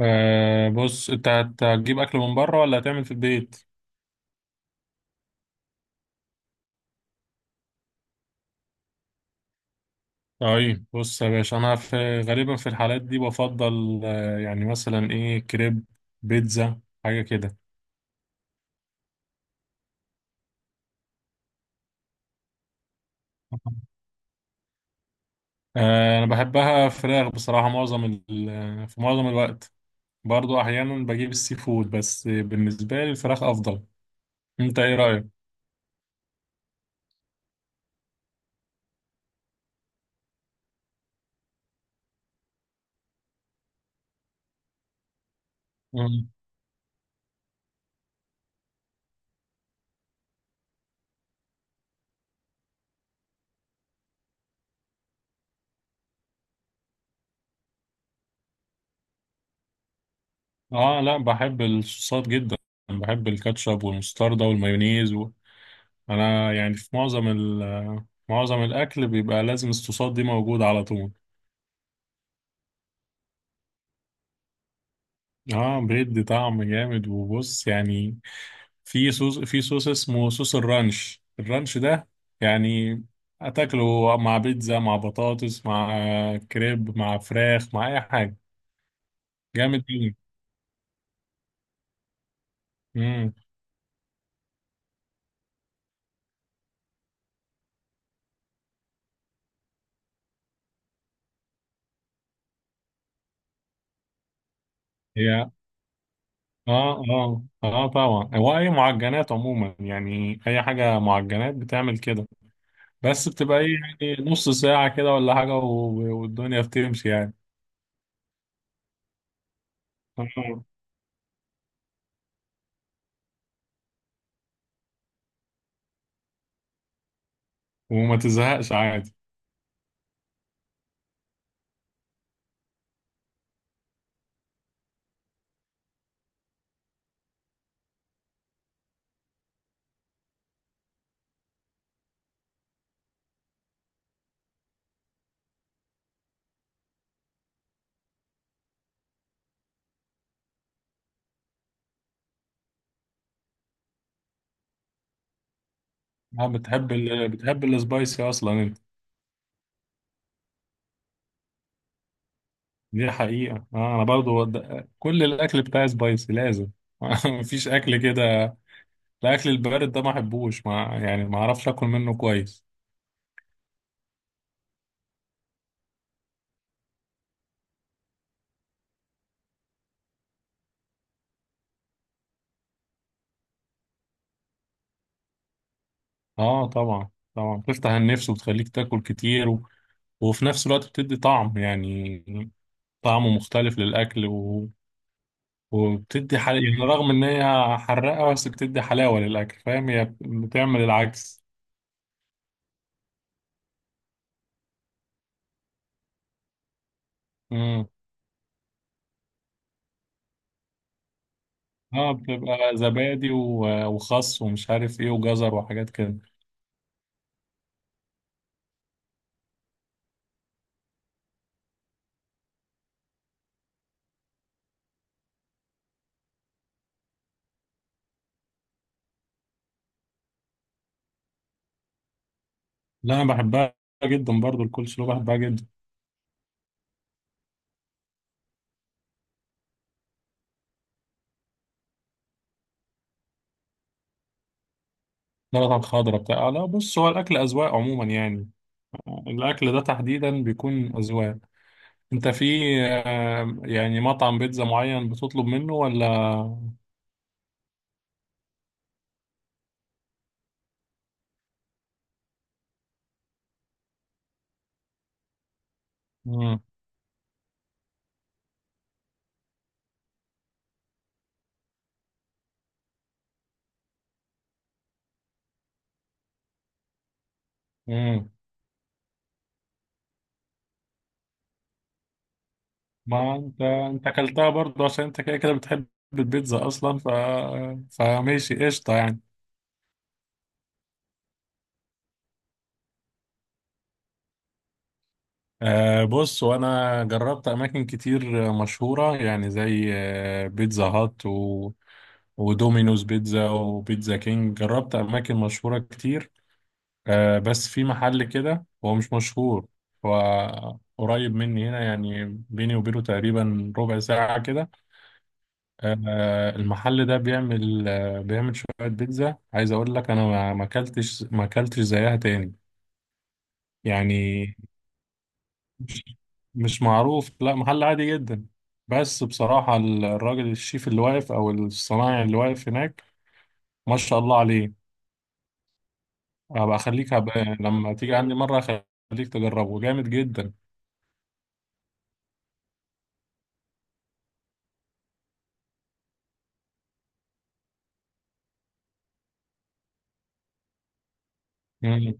بص انت هتجيب اكل من بره ولا هتعمل في البيت؟ طيب بص يا باشا، انا غالبا في الحالات دي بفضل يعني مثلا ايه، كريب، بيتزا، حاجه كده. انا بحبها فراخ بصراحه، معظم في معظم الوقت. برضو احيانا بجيب السي فود، بس بالنسبه لي الفراخ افضل. انت ايه رايك؟ مم. اه لا، بحب الصوصات جدا. بحب الكاتشب والمستردة والمايونيز. انا يعني في معظم معظم الاكل بيبقى لازم الصوصات دي موجوده على طول. اه بيدي طعم جامد. وبص يعني، في صوص، في صوص اسمه صوص الرانش. الرانش ده يعني هتاكله مع بيتزا، مع بطاطس، مع كريب، مع فراخ، مع اي حاجه. جامد جدا. امم، هي اه. اه آه، طبعا هو اي معجنات عموما، يعني اي حاجه معجنات بتعمل كده. بس بتبقى ايه يعني، نص ساعة كده ولا حاجة والدنيا بتمشي يعني. آه. وما تزهقش عادي؟ آه، بتحب بتحب السبايسي اصلا انت؟ دي حقيقة. آه، انا برضو كل الاكل بتاعي سبايسي لازم. مفيش اكل كده. الاكل البارد ده ما احبوش، ما يعني ما اعرفش اكل منه كويس. اه طبعا، طبعا بتفتح النفس وبتخليك تاكل كتير، و... وفي نفس الوقت بتدي طعم يعني، طعمه مختلف للاكل. وبتدي حل... يعني رغم ان هي حراقه، بس بتدي حلاوه للاكل، فاهم؟ هي بتعمل العكس. امم. اه بتبقى زبادي وخس ومش عارف ايه وجزر وحاجات كده. لا انا بحبها جدا، برضو الكولسلو بحبها جدا. سلطه الخضراء بتاع، آه، لا بص، هو الاكل اذواق عموما يعني. الاكل ده تحديدا بيكون اذواق. انت في، آه، يعني مطعم بيتزا معين بتطلب منه ولا؟ امم. ما انت اكلتها برضه عشان انت كده كده بتحب البيتزا اصلا، ف، فماشي قشطه يعني. آه بص، وانا جربت اماكن كتير مشهوره يعني، زي آه، بيتزا هات، و... ودومينوز بيتزا، وبيتزا كينج. جربت اماكن مشهوره كتير. آه بس في محل كده هو مش مشهور، هو قريب مني هنا يعني، بيني وبينه تقريبا ربع ساعه كده. آه، المحل ده بيعمل آه، بيعمل شوية بيتزا، عايز أقول لك أنا ما ما أكلتش، ما أكلتش زيها تاني يعني. مش مش معروف، لا محل عادي جدا. بس بصراحة الراجل الشيف اللي واقف، أو الصنايعي اللي واقف هناك، ما شاء الله عليه. هبقى أخليك، هبقى لما تيجي عندي مرة أخليك تجربه. جامد جدا. مم.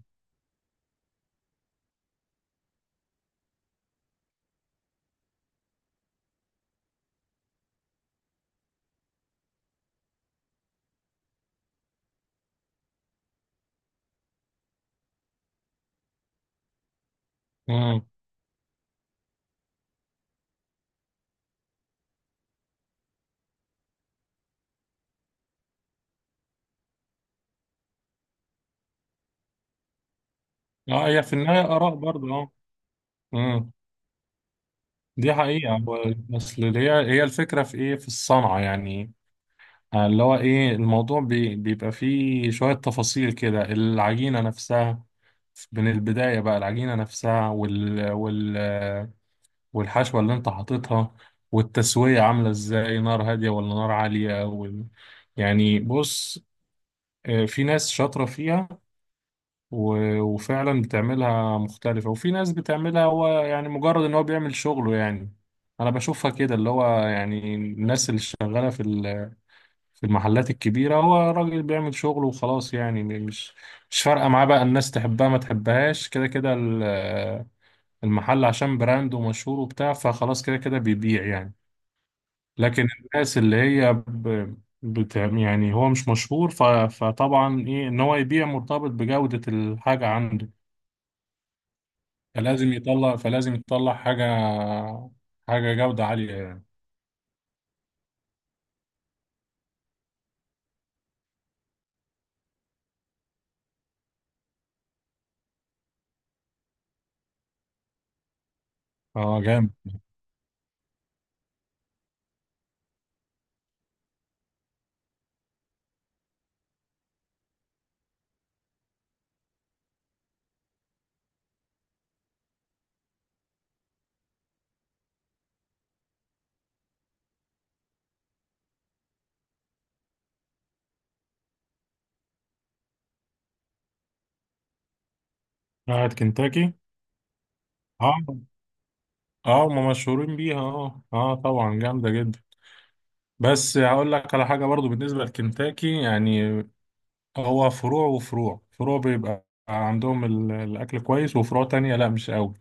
مم. اه هي في النهاية آراء برضه، اه. مم. دي حقيقة. أصل هي، هي الفكرة في إيه، في الصنعة يعني. آه، اللي هو ايه، الموضوع بيبقى فيه شوية تفاصيل كده. العجينة نفسها من البداية بقى، العجينة نفسها وال والحشوة اللي انت حاططها، والتسوية عاملة ازاي، نار هادية ولا نار عالية، وال، يعني بص، آه، في ناس شاطرة فيها وفعلا بتعملها مختلفة، وفي ناس بتعملها هو يعني مجرد ان هو بيعمل شغله يعني. انا بشوفها كده، اللي هو يعني الناس اللي شغالة في في المحلات الكبيرة هو راجل بيعمل شغله وخلاص يعني، مش فارقة معاه بقى، الناس تحبها ما تحبهاش، كده كده المحل عشان براند ومشهور وبتاع، فخلاص كده كده بيبيع يعني. لكن الناس اللي هي ب... بت... يعني هو مش مشهور، ف... فطبعا ايه، ان هو يبيع مرتبط بجودة الحاجة عنده. فلازم يطلع، فلازم يطلع حاجة، حاجة جودة عالية يعني. اه جامد. بتاعت كنتاكي؟ اه. اه هم مشهورين بيها، اه اه طبعا جامدة جدا. بس هقول لك على حاجة برضو بالنسبة لكنتاكي يعني، هو فروع وفروع، فروع بيبقى عندهم الأكل كويس، وفروع تانية لا مش قوي.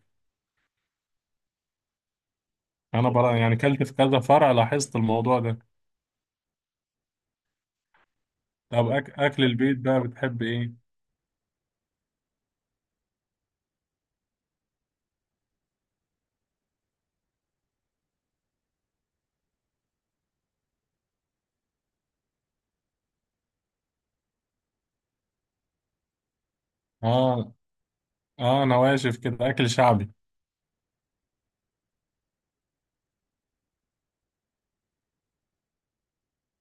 أنا برا يعني كلت في كذا فرع، لاحظت الموضوع ده. طب أكل البيت بقى بتحب إيه؟ آه. آه نواشف كده، أكل شعبي.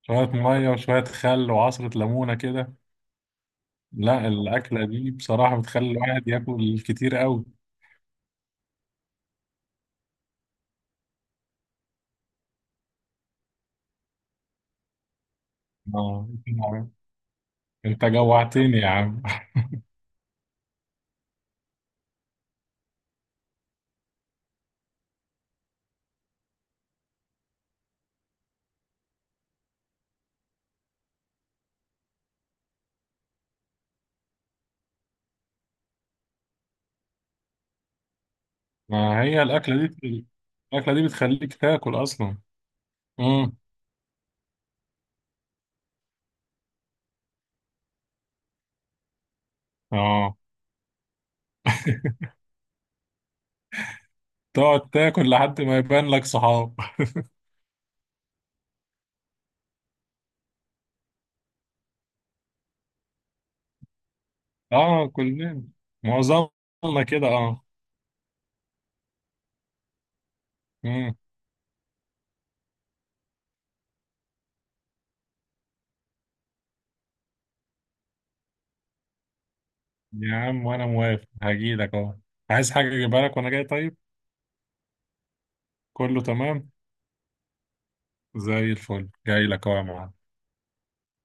شوية مية وشوية خل وعصرة ليمونة كده. لا الأكلة دي بصراحة بتخلي الواحد ياكل كتير قوي. آه. أنت جوعتني يا عم. ما هي الأكلة دي، الأكلة دي بتخليك تاكل أصلا. امم. اه. تقعد تاكل لحد ما يبان لك صحاب. اه كلنا، معظمنا كده اه. امم. يا عم وانا موافق، هجيلك اهو. عايز حاجة اجيبها لك وانا جاي؟ طيب، كله تمام. زي الفل، جاي لك اهو يا معلم.